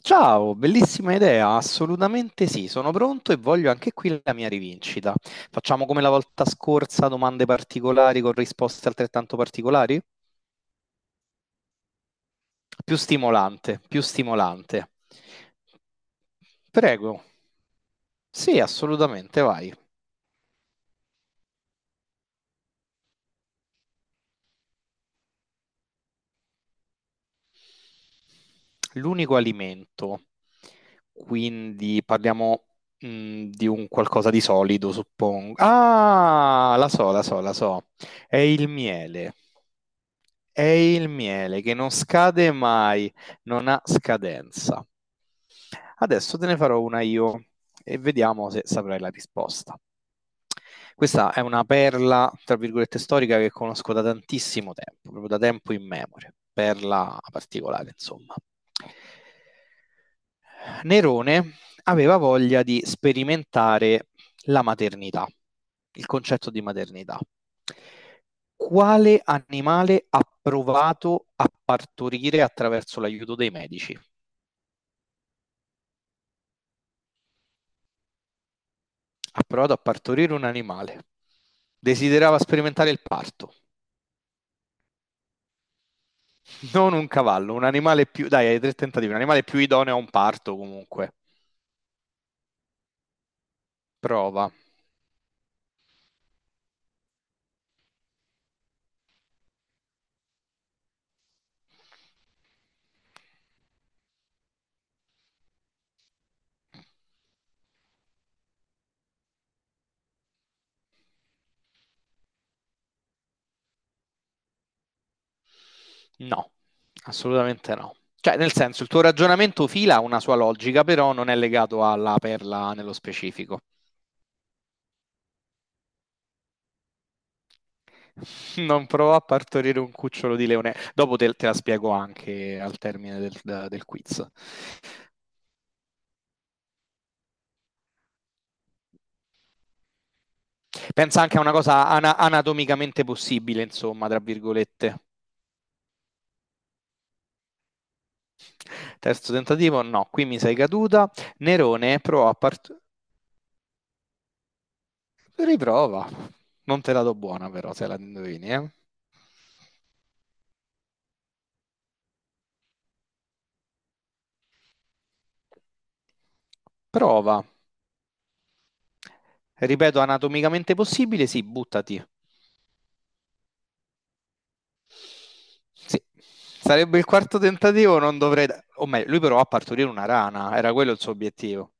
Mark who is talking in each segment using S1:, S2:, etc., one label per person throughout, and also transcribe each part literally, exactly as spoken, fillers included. S1: Ciao, bellissima idea, assolutamente sì, sono pronto e voglio anche qui la mia rivincita. Facciamo come la volta scorsa, domande particolari con risposte altrettanto particolari? Più stimolante, più stimolante. Prego. Sì, assolutamente, vai. L'unico alimento. Quindi parliamo mh, di un qualcosa di solido, suppongo. Ah, la so, la so, la so. È il miele. È il miele che non scade mai, non ha scadenza. Adesso te ne farò una io e vediamo se saprai la risposta. Questa è una perla, tra virgolette, storica che conosco da tantissimo tempo, proprio da tempo in memoria, perla particolare, insomma. Nerone aveva voglia di sperimentare la maternità, il concetto di maternità. Quale animale ha provato a partorire attraverso l'aiuto dei medici? Ha provato a partorire un animale. Desiderava sperimentare il parto. Non un cavallo, un animale più... Dai, hai tre tentativi. Un animale più idoneo a un parto comunque. Prova. No, assolutamente no. Cioè, nel senso, il tuo ragionamento fila ha una sua logica, però non è legato alla perla nello specifico. Non provò a partorire un cucciolo di leone. Dopo te, te la spiego anche al termine del, del quiz. Pensa anche a una cosa ana- anatomicamente possibile, insomma, tra virgolette. Terzo tentativo, no, qui mi sei caduta. Nerone provò a part- Riprova. Non te la do buona, però, se la indovini, eh. Prova. Ripeto, anatomicamente possibile, sì, buttati. Sì, sarebbe il quarto tentativo, non dovrei... da- O meglio, lui provò a partorire una rana, era quello il suo obiettivo.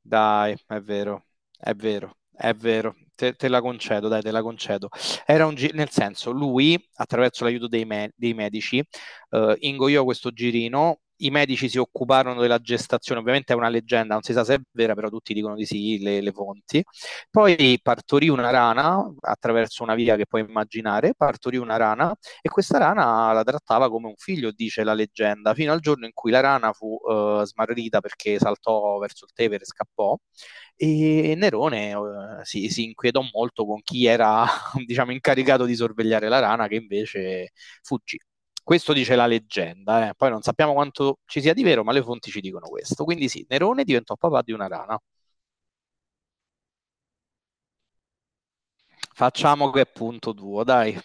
S1: Dai, è vero, è vero, è vero. Te, te la concedo, dai, te la concedo. Era un gi- nel senso, lui, attraverso l'aiuto dei, me- dei medici, eh, ingoiò questo girino. I medici si occuparono della gestazione, ovviamente è una leggenda, non si sa se è vera, però tutti dicono di sì, le, le fonti. Poi partorì una rana attraverso una via che puoi immaginare, partorì una rana e questa rana la trattava come un figlio, dice la leggenda, fino al giorno in cui la rana fu eh, smarrita perché saltò verso il Tevere e scappò. E Nerone eh, si, si inquietò molto con chi era, diciamo, incaricato di sorvegliare la rana, che invece fuggì. Questo dice la leggenda, eh. Poi non sappiamo quanto ci sia di vero, ma le fonti ci dicono questo. Quindi sì, Nerone diventò papà di una rana. Facciamo che è punto duo, dai.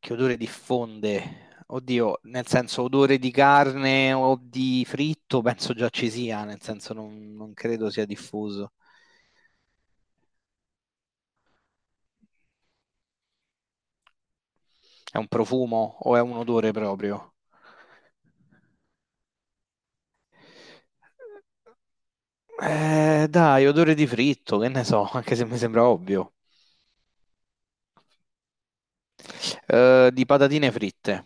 S1: Che odore diffonde? Oddio, nel senso odore di carne o di fritto, penso già ci sia, nel senso non, non credo sia diffuso. È un profumo o è un odore proprio? Eh, dai, odore di fritto, che ne so, anche se mi sembra ovvio. Eh, di patatine fritte.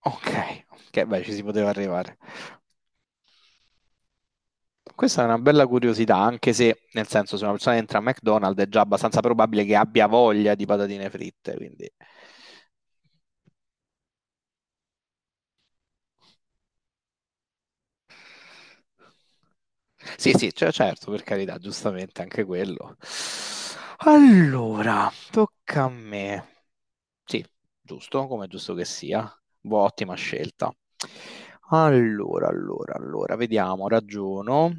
S1: Ok, ok, beh, ci si poteva arrivare. Questa è una bella curiosità, anche se, nel senso, se una persona entra a McDonald's è già abbastanza probabile che abbia voglia di patatine fritte, quindi... Sì, sì, cioè, certo, per carità, giustamente anche quello. Allora, tocca a me. Sì, giusto, come è giusto che sia. Boh, ottima scelta. Allora, allora, allora, vediamo, ragiono.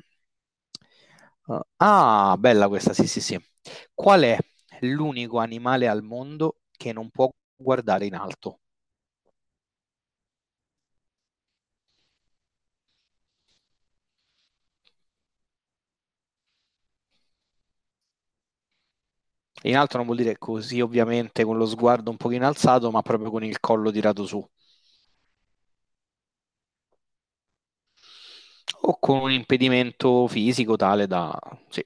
S1: Uh, ah, bella questa, sì, sì, sì. Qual è l'unico animale al mondo che non può guardare in alto? In alto non vuol dire così, ovviamente, con lo sguardo un pochino alzato, ma proprio con il collo tirato su. O con un impedimento fisico tale da... Sì,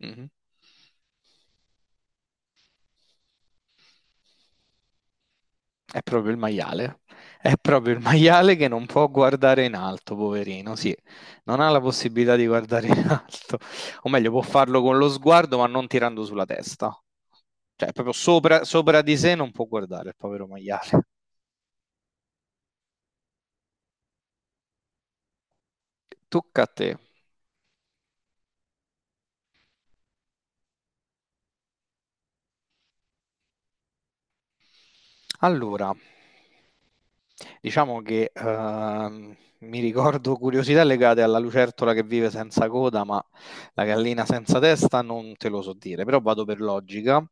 S1: mhm, è proprio il maiale. È proprio il maiale che non può guardare in alto, poverino, sì. Non ha la possibilità di guardare in alto. O meglio, può farlo con lo sguardo, ma non tirando sulla testa. Cioè, proprio sopra, sopra di sé non può guardare il povero maiale. Tocca a te. Allora... Diciamo che ehm, mi ricordo curiosità legate alla lucertola che vive senza coda, ma la gallina senza testa non te lo so dire, però vado per logica.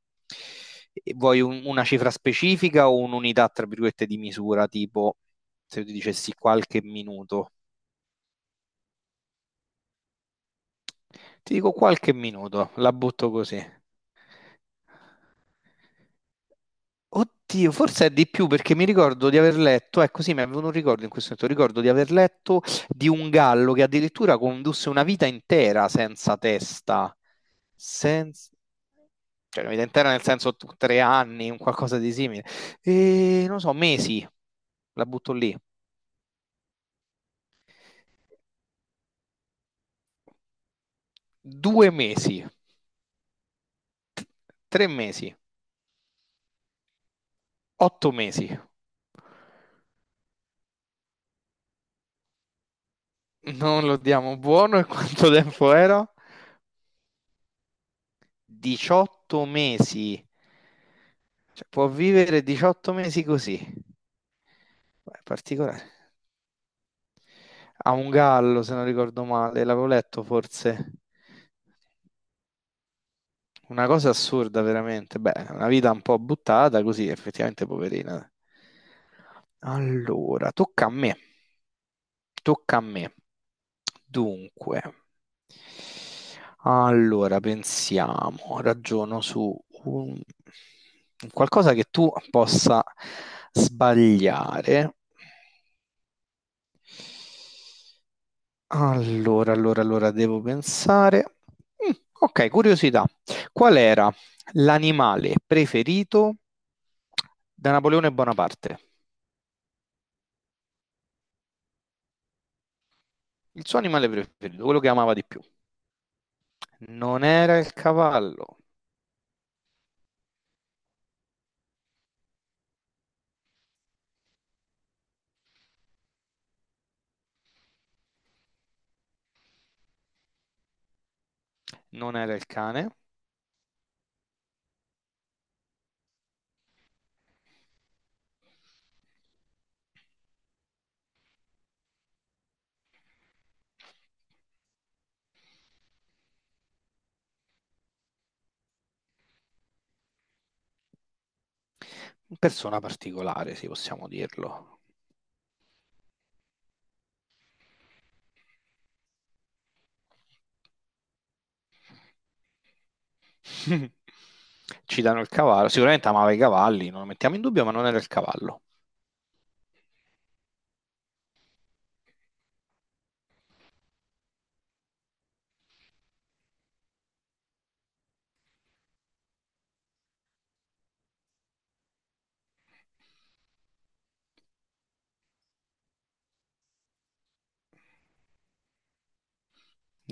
S1: E vuoi un- una cifra specifica o un'unità, tra virgolette, di misura, tipo se io ti dicessi qualche minuto? Ti dico qualche minuto, la butto così. Oddio, forse è di più perché mi ricordo di aver letto, ecco sì, mi avevano un ricordo in questo momento, ricordo di aver letto di un gallo che addirittura condusse una vita intera senza testa, senza... cioè una vita intera nel senso t- tre anni, un qualcosa di simile, e non so, mesi, la butto lì, due mesi, tre mesi, otto mesi, non lo diamo buono e quanto tempo era? diciotto mesi. Cioè, può vivere diciotto mesi così. Beh, è particolare. Ha un gallo, se non ricordo male, l'avevo letto forse. Una cosa assurda, veramente. Beh, una vita un po' buttata così, effettivamente, poverina. Allora, tocca a me. Tocca a me. Dunque, allora pensiamo, ragiono su un- qualcosa che tu possa sbagliare. Allora, allora, allora, devo pensare. Mm, ok, curiosità. Qual era l'animale preferito da Napoleone Bonaparte? Il suo animale preferito, quello che amava di più. Non era il cavallo, non era il cane. Persona particolare, se possiamo dirlo. Ci danno il cavallo. Sicuramente amava i cavalli, non lo mettiamo in dubbio, ma non era il cavallo.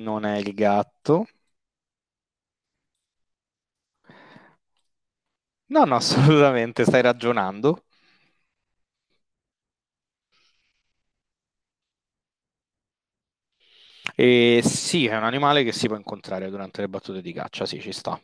S1: Non è il gatto. No, no, assolutamente, stai ragionando. E sì, è un animale che si può incontrare durante le battute di caccia, sì, ci sta.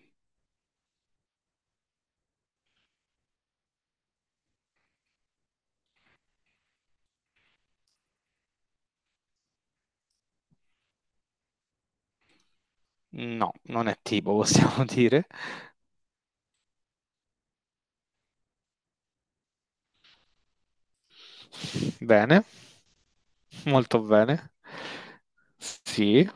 S1: No, non è tipo, possiamo dire. Bene, molto bene. Sì.